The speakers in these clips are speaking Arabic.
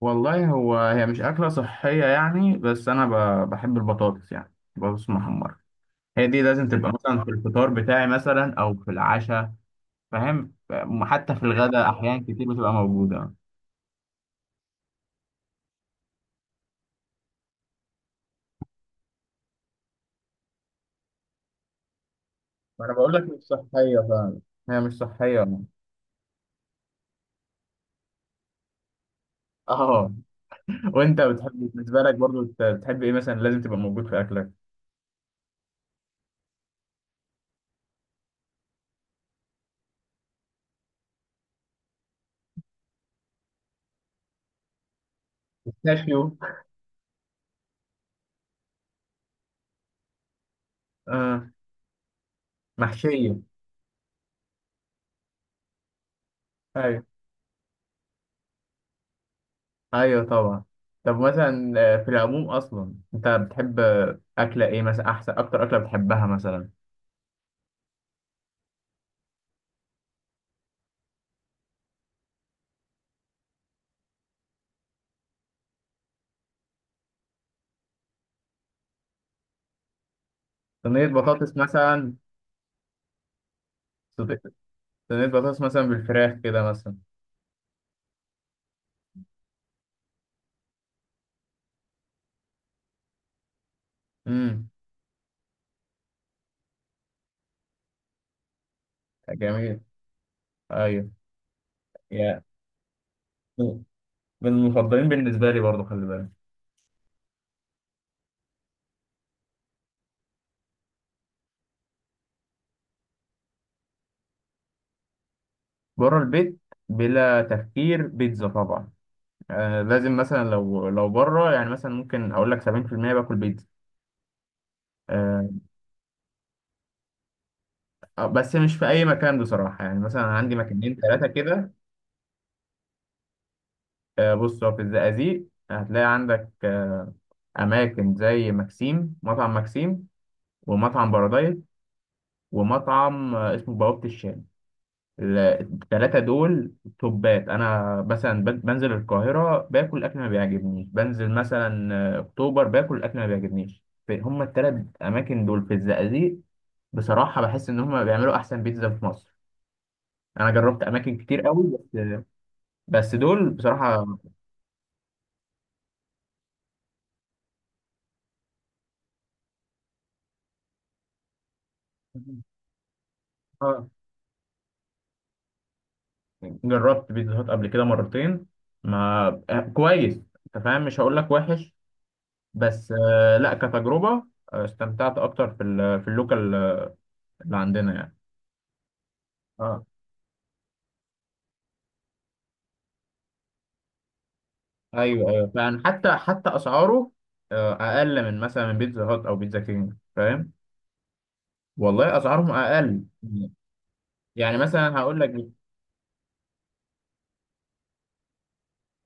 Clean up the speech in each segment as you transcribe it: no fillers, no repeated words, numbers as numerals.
والله هي مش أكلة صحية يعني، بس أنا بحب البطاطس، يعني بطاطس محمرة. هي دي لازم تبقى مثلا في الفطار بتاعي مثلا أو في العشاء. فاهم؟ حتى في الغداء أحيان كتير بتبقى موجودة. ما أنا بقول لك مش صحية فعلا، هي مش صحية يعني. اه. وأنت بتحب، بالنسبة لك برضو، بتحب إيه مثلا لازم تبقى موجود في أكلك؟ بيستاشيو. آه، محشية. أيوة. ايوه طبعا. طب مثلا، في العموم اصلا انت بتحب، اكله ايه مثلا؟ احسن اكتر اكله بتحبها مثلا؟ صينيه بطاطس مثلا. صد- صينيه بطاطس مثلا بالفراخ كده مثلا. امم. جميل. ايوه، يا من المفضلين بالنسبه لي برضو، خلي بالك. بره البيت، بلا تفكير، بيتزا طبعا. لازم. مثلا لو لو بره، يعني مثلا ممكن اقول لك 70% باكل بيتزا. آه بس مش في اي مكان بصراحه، يعني مثلا عندي مكانين ثلاثه كده. بص، هو في الزقازيق هتلاقي عندك، أماكن زي مكسيم، مطعم مكسيم، ومطعم بارادايس، ومطعم اسمه بوابة الشام. التلاتة دول توبات. أنا مثلا بنزل القاهرة باكل أكل ما بيعجبنيش، بنزل مثلا أكتوبر باكل أكل ما بيعجبنيش، هما التلات أماكن دول في الزقازيق بصراحة، بحس إن هما بيعملوا أحسن بيتزا في مصر. أنا جربت أماكن كتير قوي بس دول بصراحة. آه، جربت بيتزا هات قبل كده مرتين. ما كويس، انت فاهم، مش هقول لك وحش، بس لا، كتجربة استمتعت اكتر في في اللوكال، اللي عندنا يعني. اه. ايوه ايوه فعلا، حتى اسعاره اقل من مثلا من بيتزا هات او بيتزا كينج، فاهم؟ والله اسعارهم اقل، يعني مثلا هقول لك،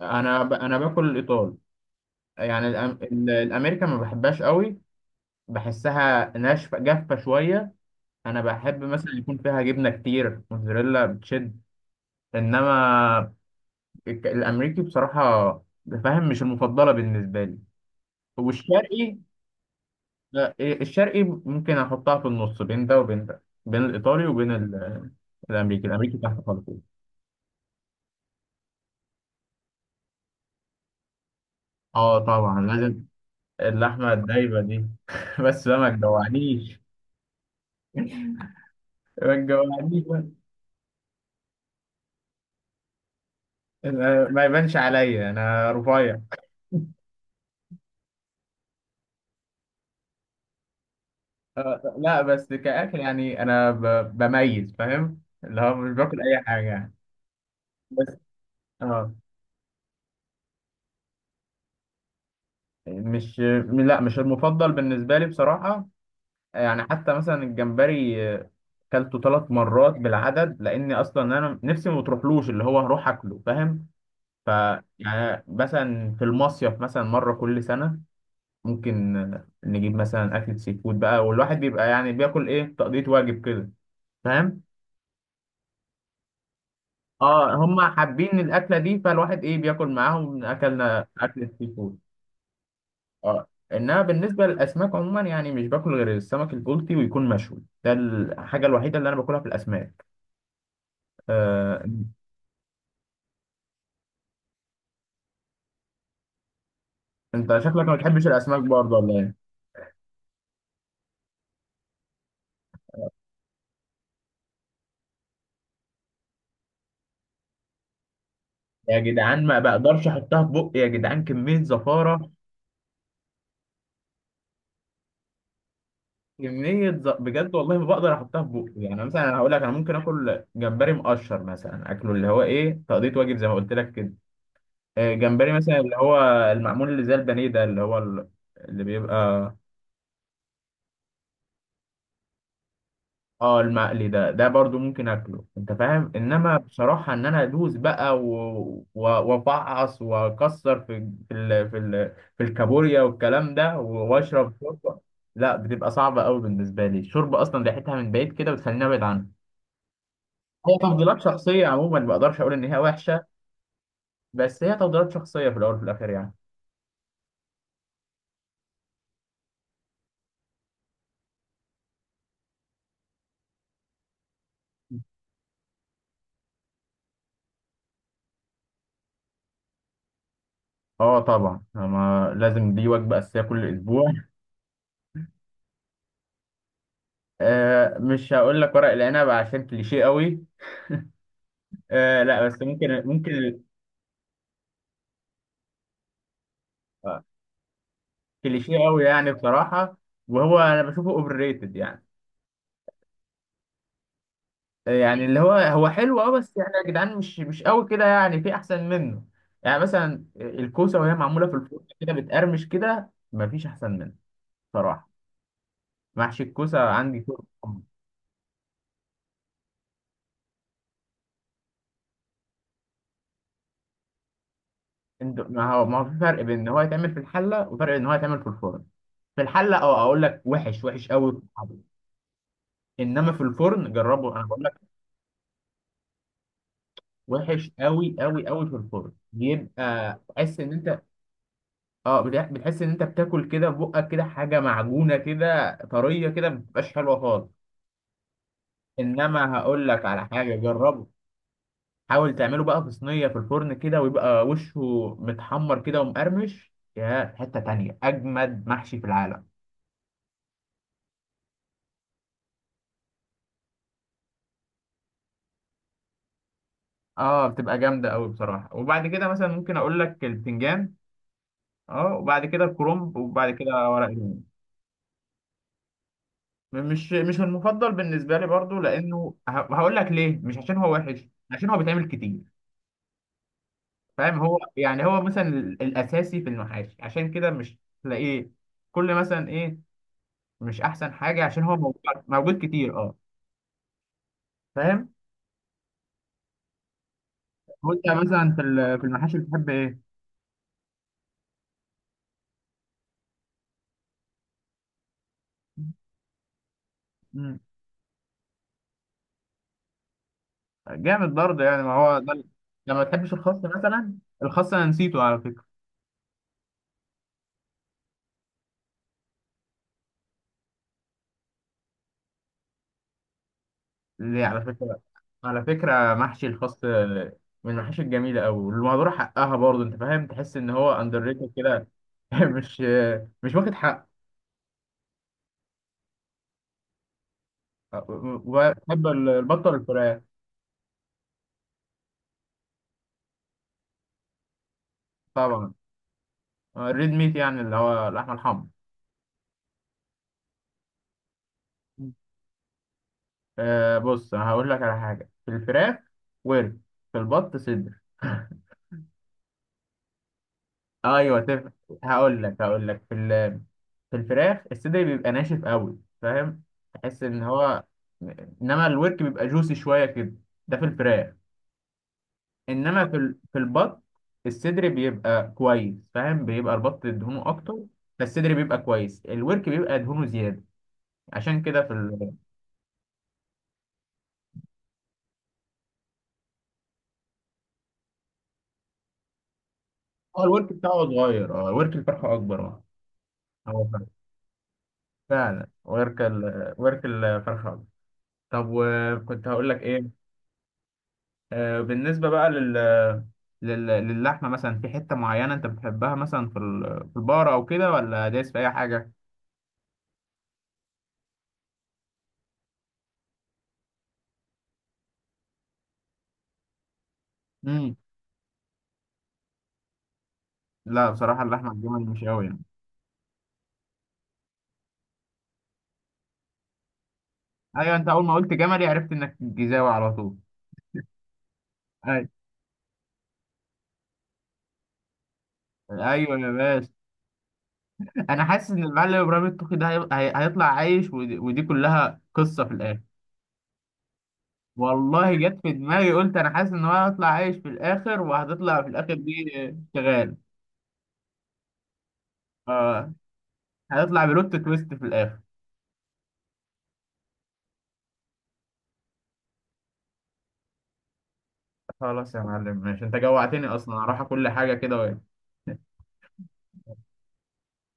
انا باكل الايطال يعني الامريكا ما بحبهاش قوي. بحسها ناشفه جافه شويه. انا بحب مثلا يكون فيها جبنه كتير، موتزاريلا بتشد، انما الامريكي بصراحه، فاهم، مش المفضله بالنسبه لي. والشرقي، لا إيه، الشرقي ممكن احطها في النص، بين ده وبين ده، بين الايطالي وبين الامريكي. الامريكي تحت خالص. اه طبعا لازم، اللحمه الدايبه دي بس بقى ما تجوعنيش. ما تجوعنيش بقى. ما يبانش عليا، انا رفيع. لا، بس كأكل يعني أنا بميز فاهم، اللي هو مش باكل أي حاجة يعني. بس. اه. مش لا، مش المفضل بالنسبة لي بصراحة. يعني حتى مثلا الجمبري، كلته ثلاث مرات بالعدد، لأني أصلا أنا نفسي ما بتروحلوش، اللي هو هروح أكله، فاهم؟ ف يعني مثلا في المصيف، مثلا مرة كل سنة، ممكن نجيب مثلا أكلة سي فود بقى، والواحد بيبقى يعني بياكل، إيه، تقضية واجب كده، فاهم؟ اه، هم حابين الاكله دي، فالواحد، ايه، بياكل معاهم. اكلنا اكل السي فود. اه، انما بالنسبه للاسماك عموما يعني، مش باكل غير السمك البلطي، ويكون مشوي. ده الحاجه الوحيده اللي انا باكلها في الاسماك. آه. انت شكلك ما بتحبش الاسماك برضه ولا ايه؟ يا جدعان ما بقدرش احطها في بقي، يا جدعان كميه زفاره. بجد والله ما بقدر احطها في بقي. يعني مثلا انا هقول لك، انا ممكن اكل جمبري مقشر مثلا، اكله اللي هو، ايه، تقضيه واجب زي ما قلت لك كده. جمبري مثلا اللي هو المعمول، اللي زي البانيه ده، اللي هو اللي بيبقى، اه، المقلي ده برضو ممكن اكله، انت فاهم. انما بصراحة ان انا ادوس بقى وافعص واكسر في الكابوريا والكلام ده، واشرب شوربة، لا، بتبقى صعبة قوي بالنسبة لي. الشوربة اصلا ريحتها من بعيد كده بتخليني ابعد عنها. هي تفضيلات شخصية عموما، ما اقدرش اقول ان هي وحشة، بس هي تفضيلات شخصية في الاول وفي الاخر يعني. اه طبعا، ما لازم، دي وجبة اساسية كل اسبوع. مش هقول لك ورق العنب عشان كليشيه قوي. لا بس ممكن آه، كليشيه قوي يعني بصراحه، وهو انا بشوفه اوفر ريتد يعني. يعني اللي هو حلو اه، بس يعني يا جدعان مش قوي كده، يعني في احسن منه. يعني مثلا الكوسه، وهي معموله في الفرن كده بتقرمش كده، مفيش احسن منه بصراحه. محشي الكوسه عندي فوق القمر. انت، ما هو في فرق بين ان هو يتعمل في الحله وفرق ان هو يتعمل في الفرن. في الحله، اه، اقول لك وحش، وحش قوي. انما في الفرن جربه، انا بقول. وحش قوي قوي قوي. في الفرن بيبقى تحس ان انت، اه، بتحس ان انت بتاكل كده بقك كده حاجه معجونه كده، طريه كده، ما بتبقاش حلوه خالص. انما هقول لك على حاجه، جربه. حاول تعمله بقى في صينيه في الفرن كده، ويبقى وشه متحمر كده ومقرمش، يا في حته تانية، اجمد محشي في العالم. اه، بتبقى جامده قوي بصراحه. وبعد كده مثلا ممكن اقول لك البتنجان. اه، وبعد كده الكرنب، وبعد كده ورق العنب. مش المفضل بالنسبه لي برضو، لانه، هقول لك ليه، مش عشان هو وحش، عشان هو بيتعمل كتير، فاهم. هو يعني هو مثلا الاساسي في المحاشي، عشان كده مش تلاقيه كل مثلا، ايه، مش احسن حاجه عشان هو موجود، موجود كتير، اه، فاهم. وانت مثلا في في المحاشي بتحب ايه؟ مم. جامد برضه يعني، ما هو ده لما تحبش الخس مثلا؟ الخس انا نسيته على فكره. ليه؟ على فكرة محشي الخاص من المحاشي الجميلة أوي والمهدورة حقها برضه، أنت فاهم، تحس إن هو أندر ريتد كده. مش مش واخد حق. وبحب البطة والفراخ طبعا. الريد ميت، يعني اللي هو اللحمة الحمرا. أه بص، أنا هقول لك على حاجة. في الفراخ ورك، في البط صدر. ايوه تفرق. هقول لك في ال... في الفراخ الصدر بيبقى ناشف قوي، فاهم، تحس ان هو، انما الورك بيبقى جوسي شويه كده. ده في الفراخ. انما في ال... في البط الصدر بيبقى كويس، فاهم، بيبقى البط دهونه اكتر، فالصدر بيبقى كويس، الورك بيبقى دهونه زياده. عشان كده هو الورك بتاعه صغير، اه، ورك الفرخه اكبر، اه، هو فعلا، فعلا، ورك الفرخه اكبر. طب، وكنت هقول لك ايه؟ بالنسبة بقى للحمة، مثلا في حتة معينة أنت بتحبها مثلا في البقرة أو كده، ولا دايس في أي حاجة؟ مم. لا، بصراحة اللحمة الجملي مش أوي يعني. أيوه، أنت أول ما قلت جملي عرفت إنك جيزاوي على طول. أيوه أيوه يا باشا. أنا حاسس إن المعلم إبراهيم الطوخي ده هيطلع عايش، ودي كلها قصة في الآخر. والله جت في دماغي، قلت أنا حاسس إن هو هيطلع عايش في الآخر، وهتطلع في الآخر دي شغال. آه هيطلع بلوت تويست في الآخر. خلاص يا معلم، ماشي، انت جوعتني اصلا، هروح اكل حاجه كده.